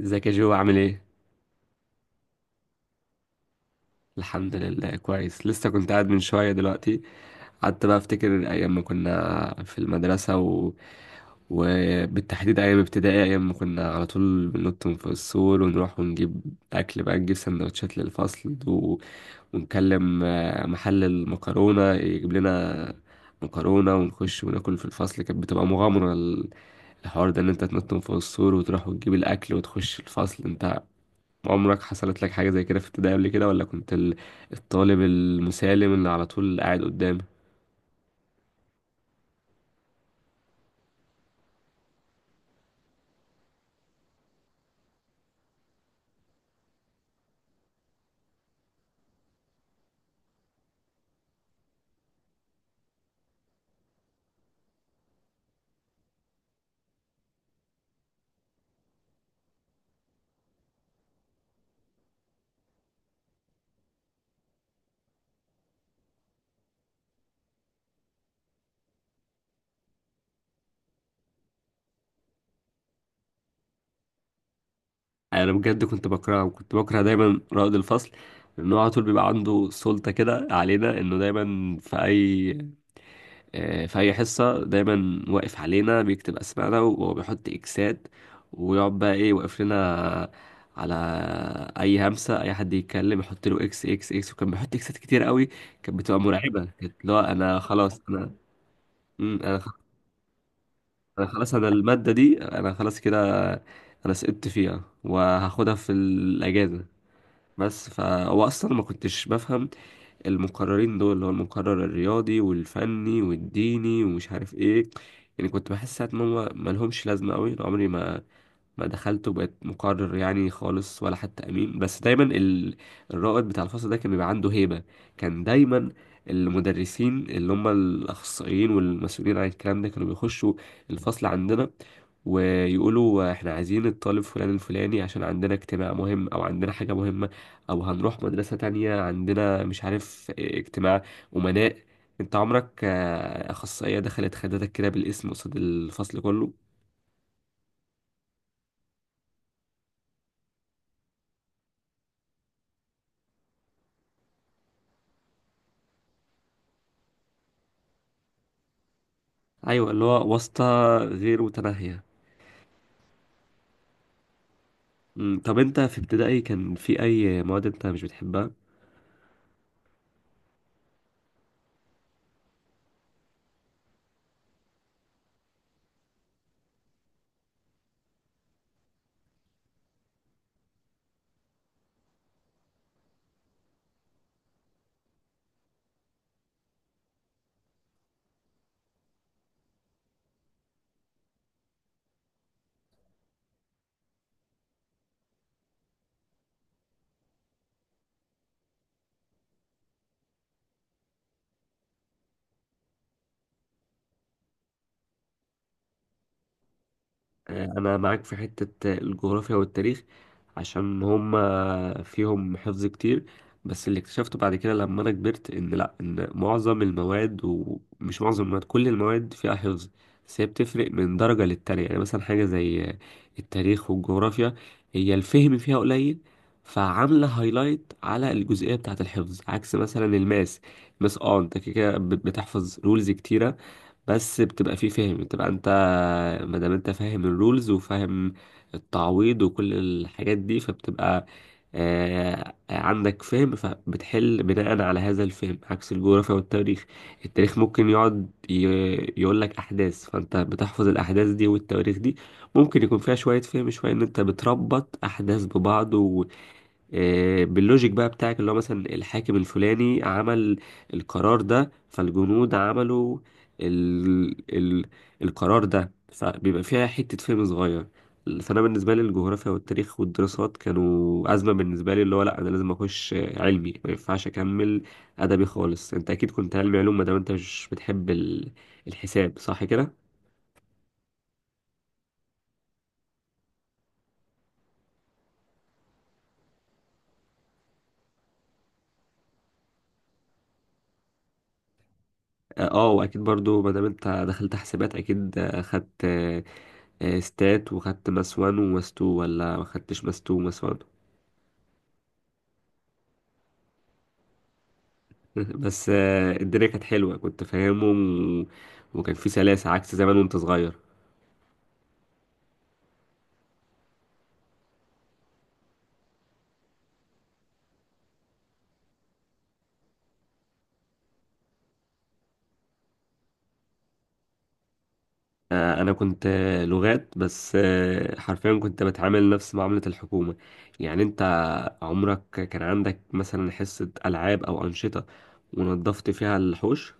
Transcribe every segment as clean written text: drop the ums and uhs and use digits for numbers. ازيك يا جو عامل ايه؟ الحمد لله، كويس. لسه كنت قاعد من شوية دلوقتي. قعدت بقى افتكر ايام ما كنا في المدرسة وبالتحديد ايام ابتدائي، ايام ما كنا على طول بننط من فوق السور ونروح ونجيب اكل، بقى نجيب سندوتشات للفصل ونكلم، محل المكرونة يجيب لنا مكرونة، ونخش وناكل في الفصل. كانت بتبقى مغامرة، الحوار ده ان انت تنط من فوق السور وتروح وتجيب الاكل وتخش الفصل. انت عمرك حصلت لك حاجة زي كده في ابتدائي قبل كده؟ ولا كنت الطالب المسالم اللي على طول قاعد قدام؟ انا بجد كنت بكرهه، وكنت بكره دايما رائد الفصل، لانه على طول بيبقى عنده سلطة كده علينا، انه دايما في اي، في اي حصة دايما واقف علينا بيكتب اسمائنا وبيحط اكسات، ويقعد بقى ايه، واقف لنا على اي همسة، اي حد يتكلم يحط له اكس اكس اكس. وكان بيحط اكسات كتير قوي، كانت بتبقى مرعبة. كانت، لا انا خلاص، انا انا، انا خلاص، انا المادة دي انا خلاص كده، انا سقطت فيها وهاخدها في الاجازة. بس فهو اصلا ما كنتش بفهم المقررين دول، اللي هو المقرر الرياضي والفني والديني ومش عارف ايه. يعني كنت بحس ساعات ان هم ما لهمش لازمة قوي. عمري ما دخلت وبقيت مقرر يعني خالص ولا حتى امين. بس دايما الرائد بتاع الفصل ده كان بيبقى عنده هيبة. كان دايما المدرسين اللي هم الاخصائيين والمسؤولين عن الكلام ده كانوا بيخشوا الفصل عندنا، ويقولوا احنا عايزين الطالب فلان الفلاني عشان عندنا اجتماع مهم، او عندنا حاجة مهمة، او هنروح مدرسة تانية، عندنا مش عارف اجتماع امناء. انت عمرك اخصائية دخلت خدتك كده بالاسم قصاد الفصل كله؟ ايوه، اللي هو واسطة غير متناهية. طب انت في ابتدائي كان في اي مواد انت مش بتحبها؟ انا معاك في حتة الجغرافيا والتاريخ، عشان هما فيهم حفظ كتير. بس اللي اكتشفته بعد كده لما انا كبرت، ان لا، ان معظم المواد، ومش معظم المواد، كل المواد فيها حفظ. بس هي بتفرق من درجة للتانية. يعني مثلا حاجة زي التاريخ والجغرافيا، هي الفهم فيها قليل، فعاملة هايلايت على الجزئية بتاعة الحفظ، عكس مثلا الماس. الماس، اه، انت كده كده بتحفظ رولز كتيرة، بس بتبقى فيه فهم، بتبقى انت ما دام انت فاهم الرولز وفاهم التعويض وكل الحاجات دي، فبتبقى عندك فهم، فبتحل بناء على هذا الفهم، عكس الجغرافيا والتاريخ. التاريخ ممكن يقعد يقول لك احداث، فانت بتحفظ الاحداث دي والتواريخ دي. ممكن يكون فيها شوية فهم، شوية ان انت بتربط احداث ببعض، باللوجيك بقى بتاعك، اللي هو مثلا الحاكم الفلاني عمل القرار ده، فالجنود عملوا ال... ال... القرار ده، فبيبقى فيها حتة فهم صغير. فأنا بالنسبة لي الجغرافيا والتاريخ والدراسات كانوا أزمة بالنسبة لي، اللي هو لأ، أنا لازم أخش علمي، ما ينفعش أكمل أدبي خالص. أنت أكيد كنت علمي علوم، ما دام أنت مش بتحب الحساب، صح كده؟ اه، واكيد برضو ما دام انت دخلت حسابات، اكيد خدت، ستات، وخدت ماس وان وماس تو، ولا ما خدتش ماس تو وماس وان؟ بس الدنيا كانت حلوه، كنت فاهمهم و- وكان في سلاسه، عكس زمان وانت صغير. انا كنت لغات، بس حرفيا كنت بتعامل نفس معامله الحكومه. يعني انت عمرك كان عندك مثلا حصه العاب او انشطه ونظفت فيها الحوش؟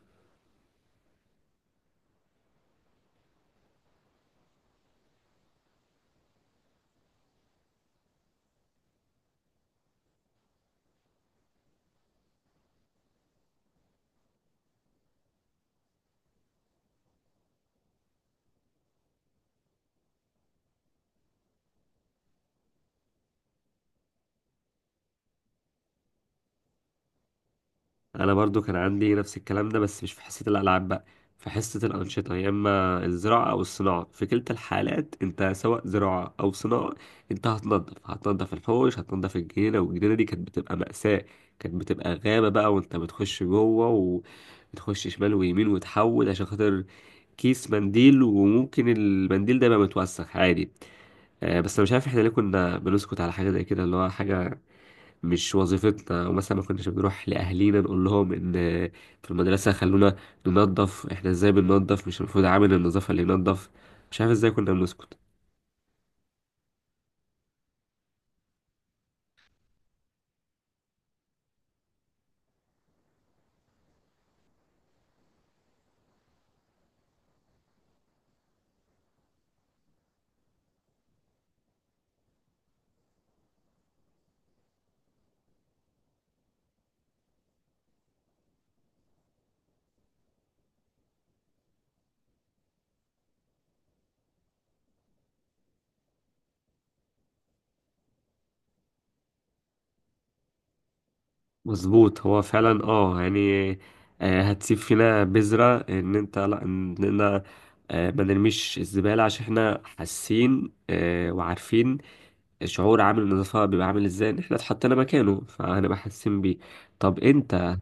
انا برضو كان عندي نفس الكلام ده، بس مش في حصة الالعاب بقى، في حصة الانشطة، يا اما الزراعة او الصناعة. في كلتا الحالات انت، سواء زراعة او صناعة، انت هتنضف، هتنضف الحوش، هتنضف الجنينة. والجنينة دي كانت بتبقى مأساة، كانت بتبقى غابة بقى، وانت بتخش جوه وتخش شمال ويمين وتحول عشان خاطر كيس منديل، وممكن المنديل ده يبقى متوسخ عادي. بس انا مش عارف احنا ليه كنا بنسكت على حاجة زي كده، اللي هو حاجة مش وظيفتنا. ومثلا ما كناش بنروح لأهالينا نقول لهم إن في المدرسة خلونا ننظف. إحنا إزاي بننظف؟ مش المفروض عامل النظافة اللي ينظف؟ مش عارف إزاي كنا بنسكت. مظبوط، هو فعلا، اه يعني، هتسيب فينا بذرة إن أنت، لأ، إننا ما نرميش الزبالة، عشان إحنا حاسين وعارفين شعور عامل النظافة بيبقى عامل إزاي. إن إحنا اتحطينا مكانه، فهنبقى حاسين بيه. طب أنت،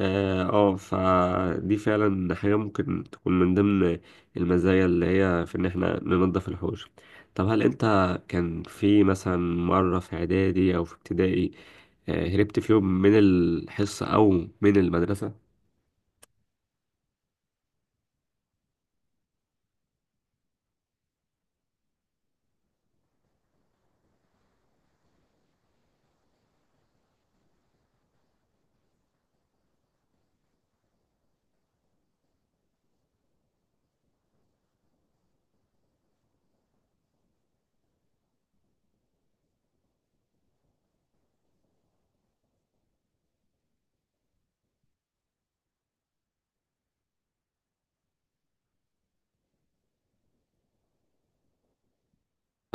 اه، فدي فعلا حاجة ممكن تكون من ضمن المزايا اللي هي في ان احنا ننظف الحوش. طب هل انت كان في مثلا مرة في اعدادي او في ابتدائي هربت في يوم من الحصة او من المدرسة؟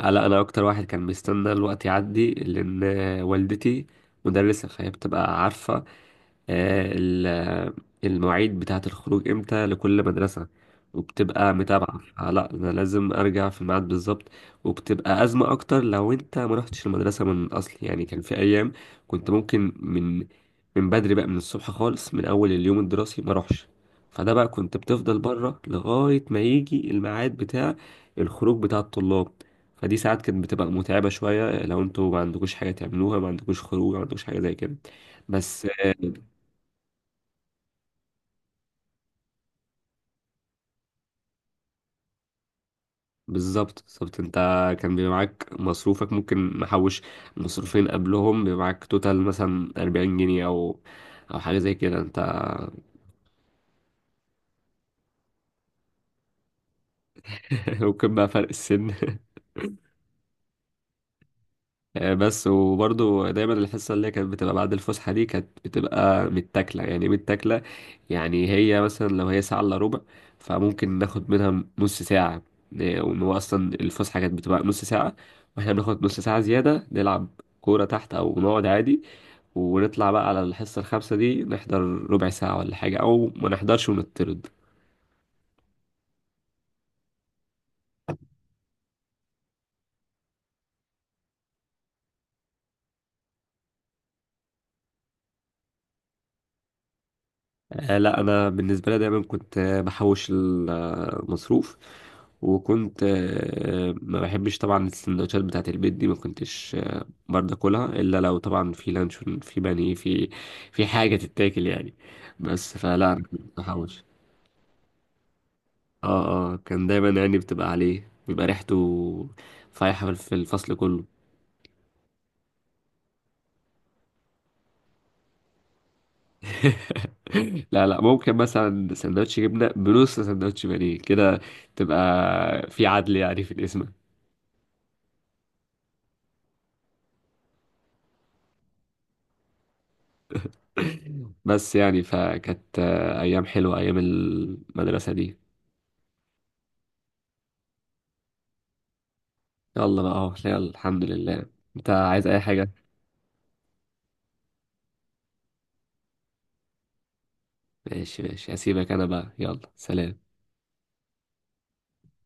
لا، انا اكتر واحد كان بيستنى الوقت يعدي، لان والدتي مدرسة، فهي بتبقى عارفة آه، ال- المواعيد بتاعة الخروج امتى لكل مدرسة، وبتبقى متابعة. فلا، انا لازم ارجع في الميعاد بالظبط. وبتبقى ازمة اكتر لو انت ما رحتش المدرسة من الاصل. يعني كان في ايام كنت ممكن من بدري بقى، من الصبح خالص، من اول اليوم الدراسي ما اروحش. فده بقى كنت بتفضل بره لغاية ما يجي الميعاد بتاع الخروج بتاع الطلاب. فدي ساعات كانت بتبقى متعبة شوية، لو انتوا ما عندكوش حاجة تعملوها، ما عندكوش خروج، ما عندكوش حاجة زي كده. بس بالظبط، بالظبط. انت كان بيبقى معاك مصروفك، ممكن محوش مصروفين قبلهم، بيبقى معاك توتال مثلا 40 جنيه، او او حاجه زي كده انت. ممكن بقى فرق السن. بس وبرضو دايما الحصه اللي هي كانت بتبقى بعد الفسحه دي كانت بتبقى متاكله. يعني إيه متاكله؟ يعني هي مثلا لو هي ساعه الا ربع، فممكن ناخد منها نص ساعه. وان هو اصلا الفسحه كانت بتبقى نص ساعه، واحنا بناخد نص ساعه زياده نلعب كوره تحت او نقعد عادي، ونطلع بقى على الحصة الخامسة دي نحضر ربع ساعة ولا حاجة، أو ما نحضرش ونطرد. لا، أنا بالنسبة لي دايما كنت بحوش المصروف، وكنت ما بحبش طبعا السندوتشات بتاعة البيت دي. ما كنتش برضه اكلها الا لو طبعا في لانشون، في بانيه، في في حاجه تتاكل يعني. بس فلا، أنا كنت بحوش. اه اه، كان دايما يعني بتبقى عليه، بيبقى ريحته فايحه في الفصل كله. لا لا، ممكن مثلا سندوتش جبنة بنص سندوتش بانيه كده، تبقى في عدل يعني في الاسم. بس يعني، فكانت أيام حلوة أيام المدرسة دي. يلا بقى، أهو، يلا، الحمد لله. أنت عايز أي حاجة؟ ماشي ماشي، هسيبك أنا بقى. يلا، سلام.